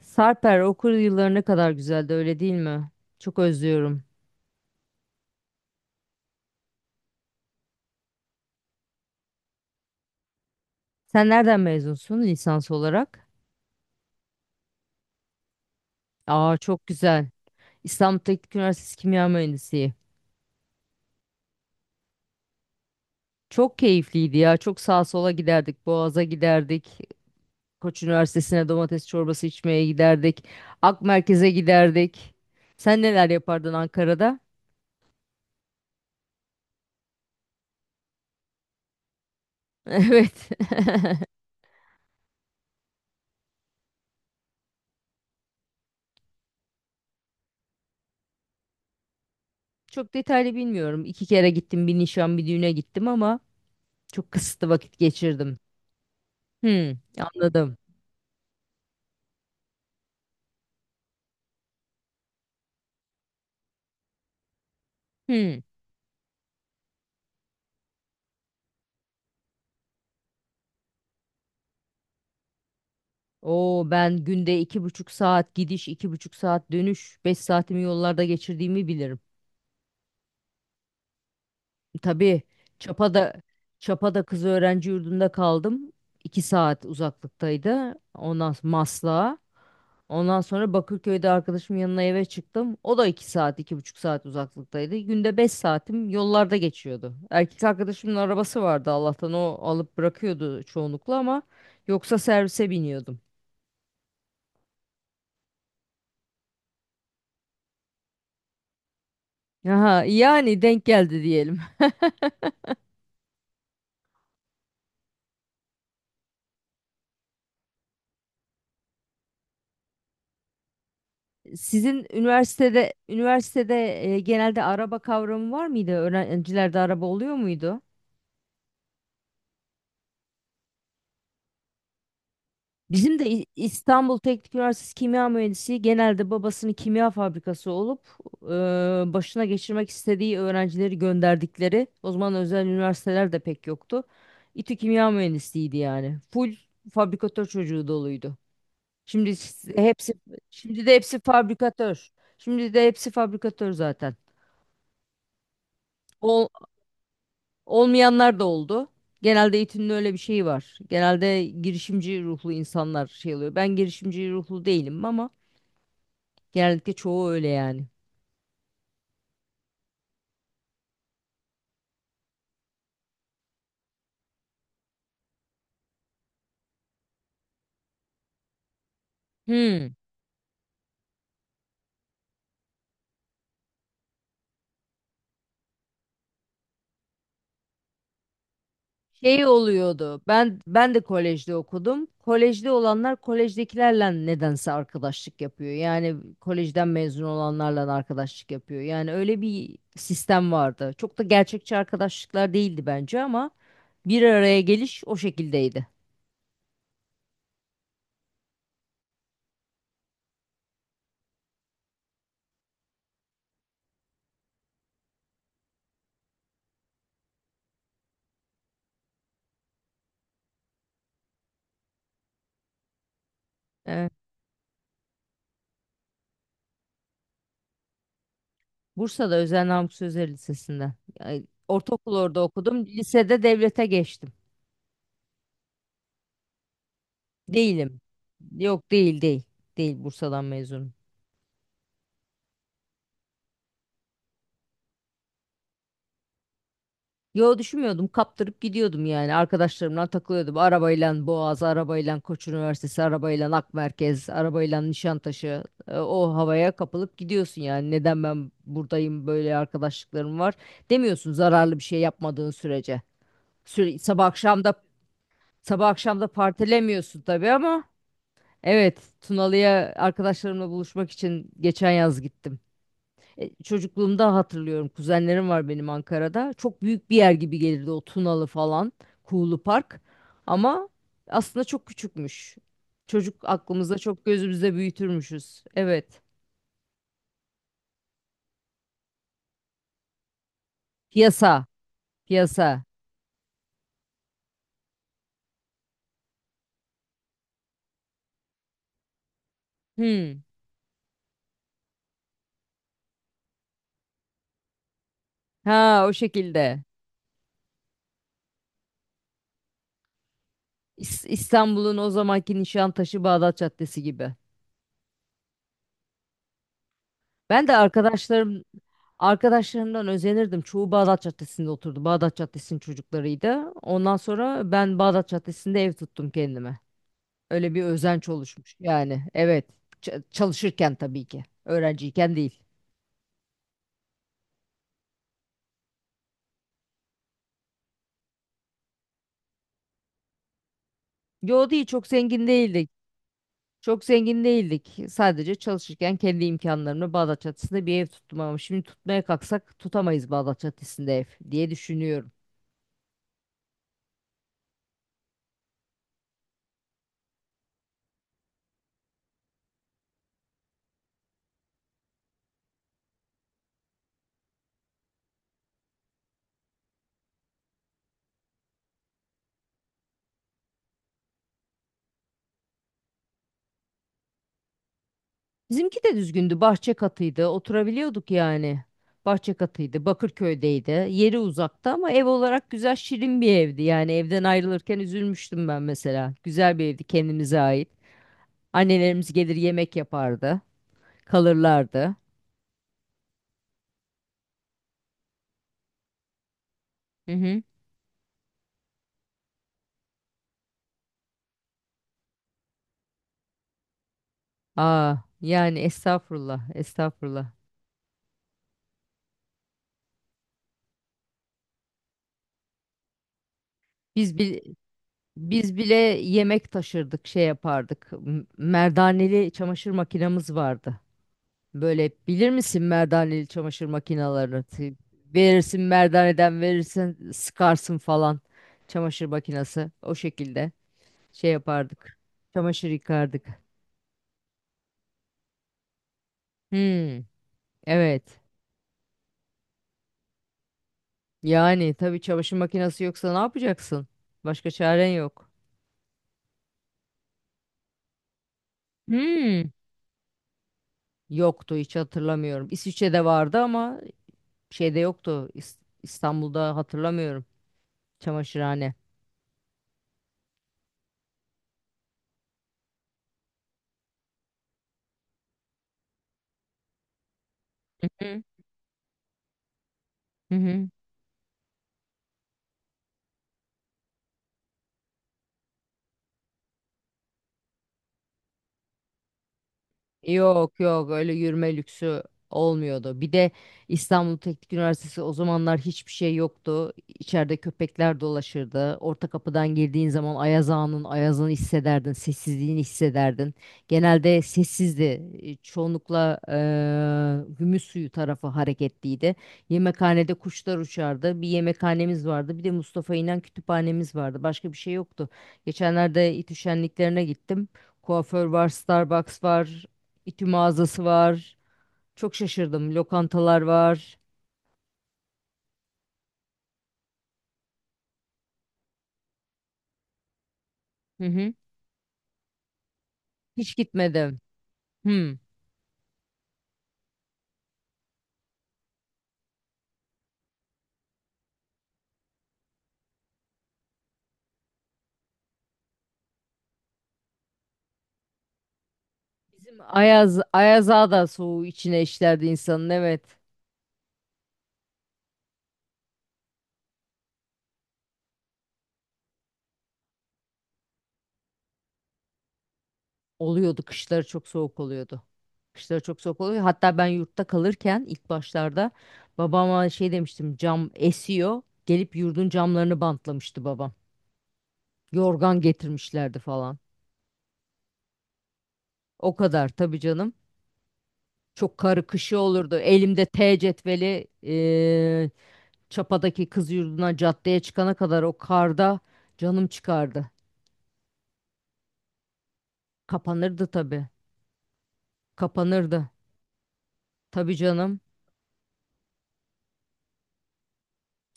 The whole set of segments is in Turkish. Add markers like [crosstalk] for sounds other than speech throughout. Sarper, okul yılları ne kadar güzeldi öyle değil mi? Çok özlüyorum. Sen nereden mezunsun lisans olarak? Aa, çok güzel. İstanbul Teknik Üniversitesi Kimya Mühendisliği. Çok keyifliydi ya. Çok sağa sola giderdik. Boğaz'a giderdik. Koç Üniversitesi'ne domates çorbası içmeye giderdik. Ak Merkez'e giderdik. Sen neler yapardın Ankara'da? [laughs] Evet. [laughs] Çok detaylı bilmiyorum. İki kere gittim. Bir nişan, bir düğüne gittim ama çok kısıtlı vakit geçirdim. Hmm, anladım. Hmm. O ben günde iki buçuk saat gidiş, iki buçuk saat dönüş, beş saatimi yollarda geçirdiğimi bilirim. Tabii, Çapa'da Çapa'da kız öğrenci yurdunda kaldım. İki saat uzaklıktaydı. Ondan sonra Maslak'a. Ondan sonra Bakırköy'de arkadaşımın yanına eve çıktım. O da iki saat, iki buçuk saat uzaklıktaydı. Günde beş saatim yollarda geçiyordu. Erkek arkadaşımın arabası vardı Allah'tan, o alıp bırakıyordu çoğunlukla ama yoksa servise biniyordum. Aha, yani denk geldi diyelim. Sizin üniversitede genelde araba kavramı var mıydı? Öğrencilerde araba oluyor muydu? Bizim de İstanbul Teknik Üniversitesi Kimya Mühendisi genelde babasının kimya fabrikası olup başına geçirmek istediği öğrencileri gönderdikleri, o zaman özel üniversiteler de pek yoktu. İTÜ Kimya Mühendisliğiydi yani. Full fabrikatör çocuğu doluydu. Şimdi s- hepsi şimdi de hepsi fabrikatör. Şimdi de hepsi fabrikatör zaten. Ol- olmayanlar da oldu. Genelde eğitimde öyle bir şey var. Genelde girişimci ruhlu insanlar şey oluyor. Ben girişimci ruhlu değilim ama genellikle çoğu öyle yani. Hmm. Şey oluyordu. Ben de kolejde okudum. Kolejde olanlar kolejdekilerle nedense arkadaşlık yapıyor. Yani kolejden mezun olanlarla arkadaşlık yapıyor. Yani öyle bir sistem vardı. Çok da gerçekçi arkadaşlıklar değildi bence ama bir araya geliş o şekildeydi. Evet. Bursa'da Özel Namık Sözer Lisesi'nde. Yani ortaokul orada okudum. Lisede devlete geçtim. Değilim. Yok, değil değil. Değil, Bursa'dan mezunum. Yo, düşünmüyordum. Kaptırıp gidiyordum yani. Arkadaşlarımla takılıyordum. Arabayla Boğaz, arabayla Koç Üniversitesi, arabayla Ak Merkez, arabayla Nişantaşı. O havaya kapılıp gidiyorsun yani. Neden ben buradayım böyle arkadaşlıklarım var demiyorsun zararlı bir şey yapmadığın sürece. Süre, sabah akşam da sabah akşam da partilemiyorsun tabii ama evet, Tunalı'ya arkadaşlarımla buluşmak için geçen yaz gittim. Çocukluğumda hatırlıyorum. Kuzenlerim var benim Ankara'da. Çok büyük bir yer gibi gelirdi o Tunalı falan, Kuğulu Park. Ama aslında çok küçükmüş. Çocuk aklımızda çok gözümüzde büyütürmüşüz. Evet. Piyasa, piyasa. Hmm. Ha, o şekilde. İstanbul'un o zamanki Nişantaşı Bağdat Caddesi gibi. Ben de arkadaşlarımdan özenirdim. Çoğu Bağdat Caddesi'nde oturdu. Bağdat Caddesi'nin çocuklarıydı. Ondan sonra ben Bağdat Caddesi'nde ev tuttum kendime. Öyle bir özenç oluşmuş yani. Evet. Çalışırken tabii ki. Öğrenciyken değil. Yo, değil, çok zengin değildik. Çok zengin değildik. Sadece çalışırken kendi imkanlarımla Bağdat Caddesi'nde bir ev tuttum ama şimdi tutmaya kalksak tutamayız Bağdat Caddesi'nde ev diye düşünüyorum. Bizimki de düzgündü. Bahçe katıydı. Oturabiliyorduk yani. Bahçe katıydı. Bakırköy'deydi. Yeri uzakta ama ev olarak güzel şirin bir evdi. Yani evden ayrılırken üzülmüştüm ben mesela. Güzel bir evdi, kendimize ait. Annelerimiz gelir yemek yapardı. Kalırlardı. Hı hı. Aa, yani estağfurullah, estağfurullah. Biz bir biz bile yemek taşırdık, şey yapardık. Merdaneli çamaşır makinamız vardı. Böyle bilir misin merdaneli çamaşır makinelerini? Verirsin, merdaneden verirsin, sıkarsın falan. Çamaşır makinesi o şekilde şey yapardık. Çamaşır yıkardık. Hmm, evet. Yani tabii çamaşır makinesi yoksa ne yapacaksın? Başka çaren yok. Hmm, yoktu, hiç hatırlamıyorum. İsviçre'de vardı ama şeyde yoktu. İstanbul'da hatırlamıyorum çamaşırhane. Hı hı. Hı. Yok yok, öyle yürüme lüksü olmuyordu. Bir de İstanbul Teknik Üniversitesi o zamanlar hiçbir şey yoktu. İçeride köpekler dolaşırdı. Orta kapıdan girdiğin zaman Ayaz Ağa'nın ayazını hissederdin, sessizliğini hissederdin. Genelde sessizdi. Çoğunlukla Gümüş Suyu tarafı hareketliydi. Yemekhanede kuşlar uçardı. Bir yemekhanemiz vardı. Bir de Mustafa İnan kütüphanemiz vardı. Başka bir şey yoktu. Geçenlerde İTÜ şenliklerine gittim. Kuaför var, Starbucks var. İTÜ mağazası var. Çok şaşırdım. Lokantalar var. Hı hı. Hiç gitmedim. Hmm. Bizim Ayaz Ağa da soğuğu içine işlerdi insanın. Evet. Oluyordu. Kışları çok soğuk oluyordu. Kışları çok soğuk oluyor. Hatta ben yurtta kalırken ilk başlarda babama şey demiştim. Cam esiyor. Gelip yurdun camlarını bantlamıştı babam. Yorgan getirmişlerdi falan. O kadar tabii canım. Çok karı kışı olurdu. Elimde T cetveli, Çapa'daki kız yurduna caddeye çıkana kadar o karda canım çıkardı. Kapanırdı tabii. Kapanırdı. Tabii canım.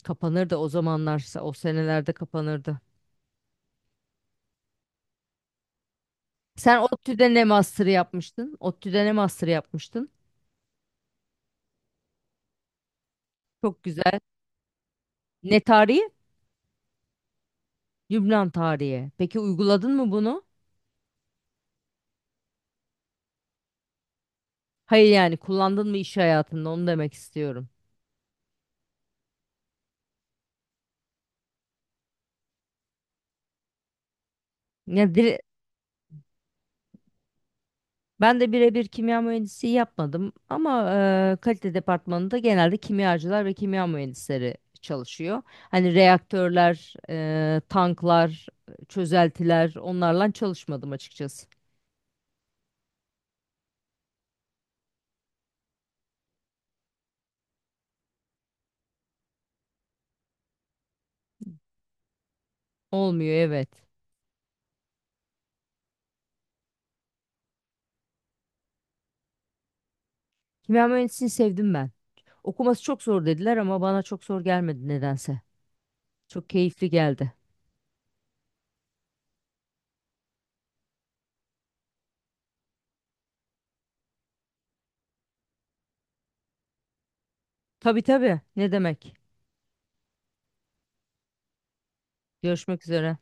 Kapanırdı o zamanlarsa. O senelerde kapanırdı. Sen ODTÜ'de ne master yapmıştın? ODTÜ'de ne master yapmıştın? Çok güzel. Ne tarihi? Lübnan tarihi. Peki, uyguladın mı bunu? Hayır, yani kullandın mı iş hayatında onu demek istiyorum. Ya dire- Ben de birebir kimya mühendisliği yapmadım ama kalite departmanında genelde kimyacılar ve kimya mühendisleri çalışıyor. Hani reaktörler, tanklar, çözeltiler, onlarla çalışmadım açıkçası. Olmuyor, evet. Kimya mühendisliğini sevdim ben. Okuması çok zor dediler ama bana çok zor gelmedi nedense. Çok keyifli geldi. Tabii tabii, ne demek. Görüşmek üzere.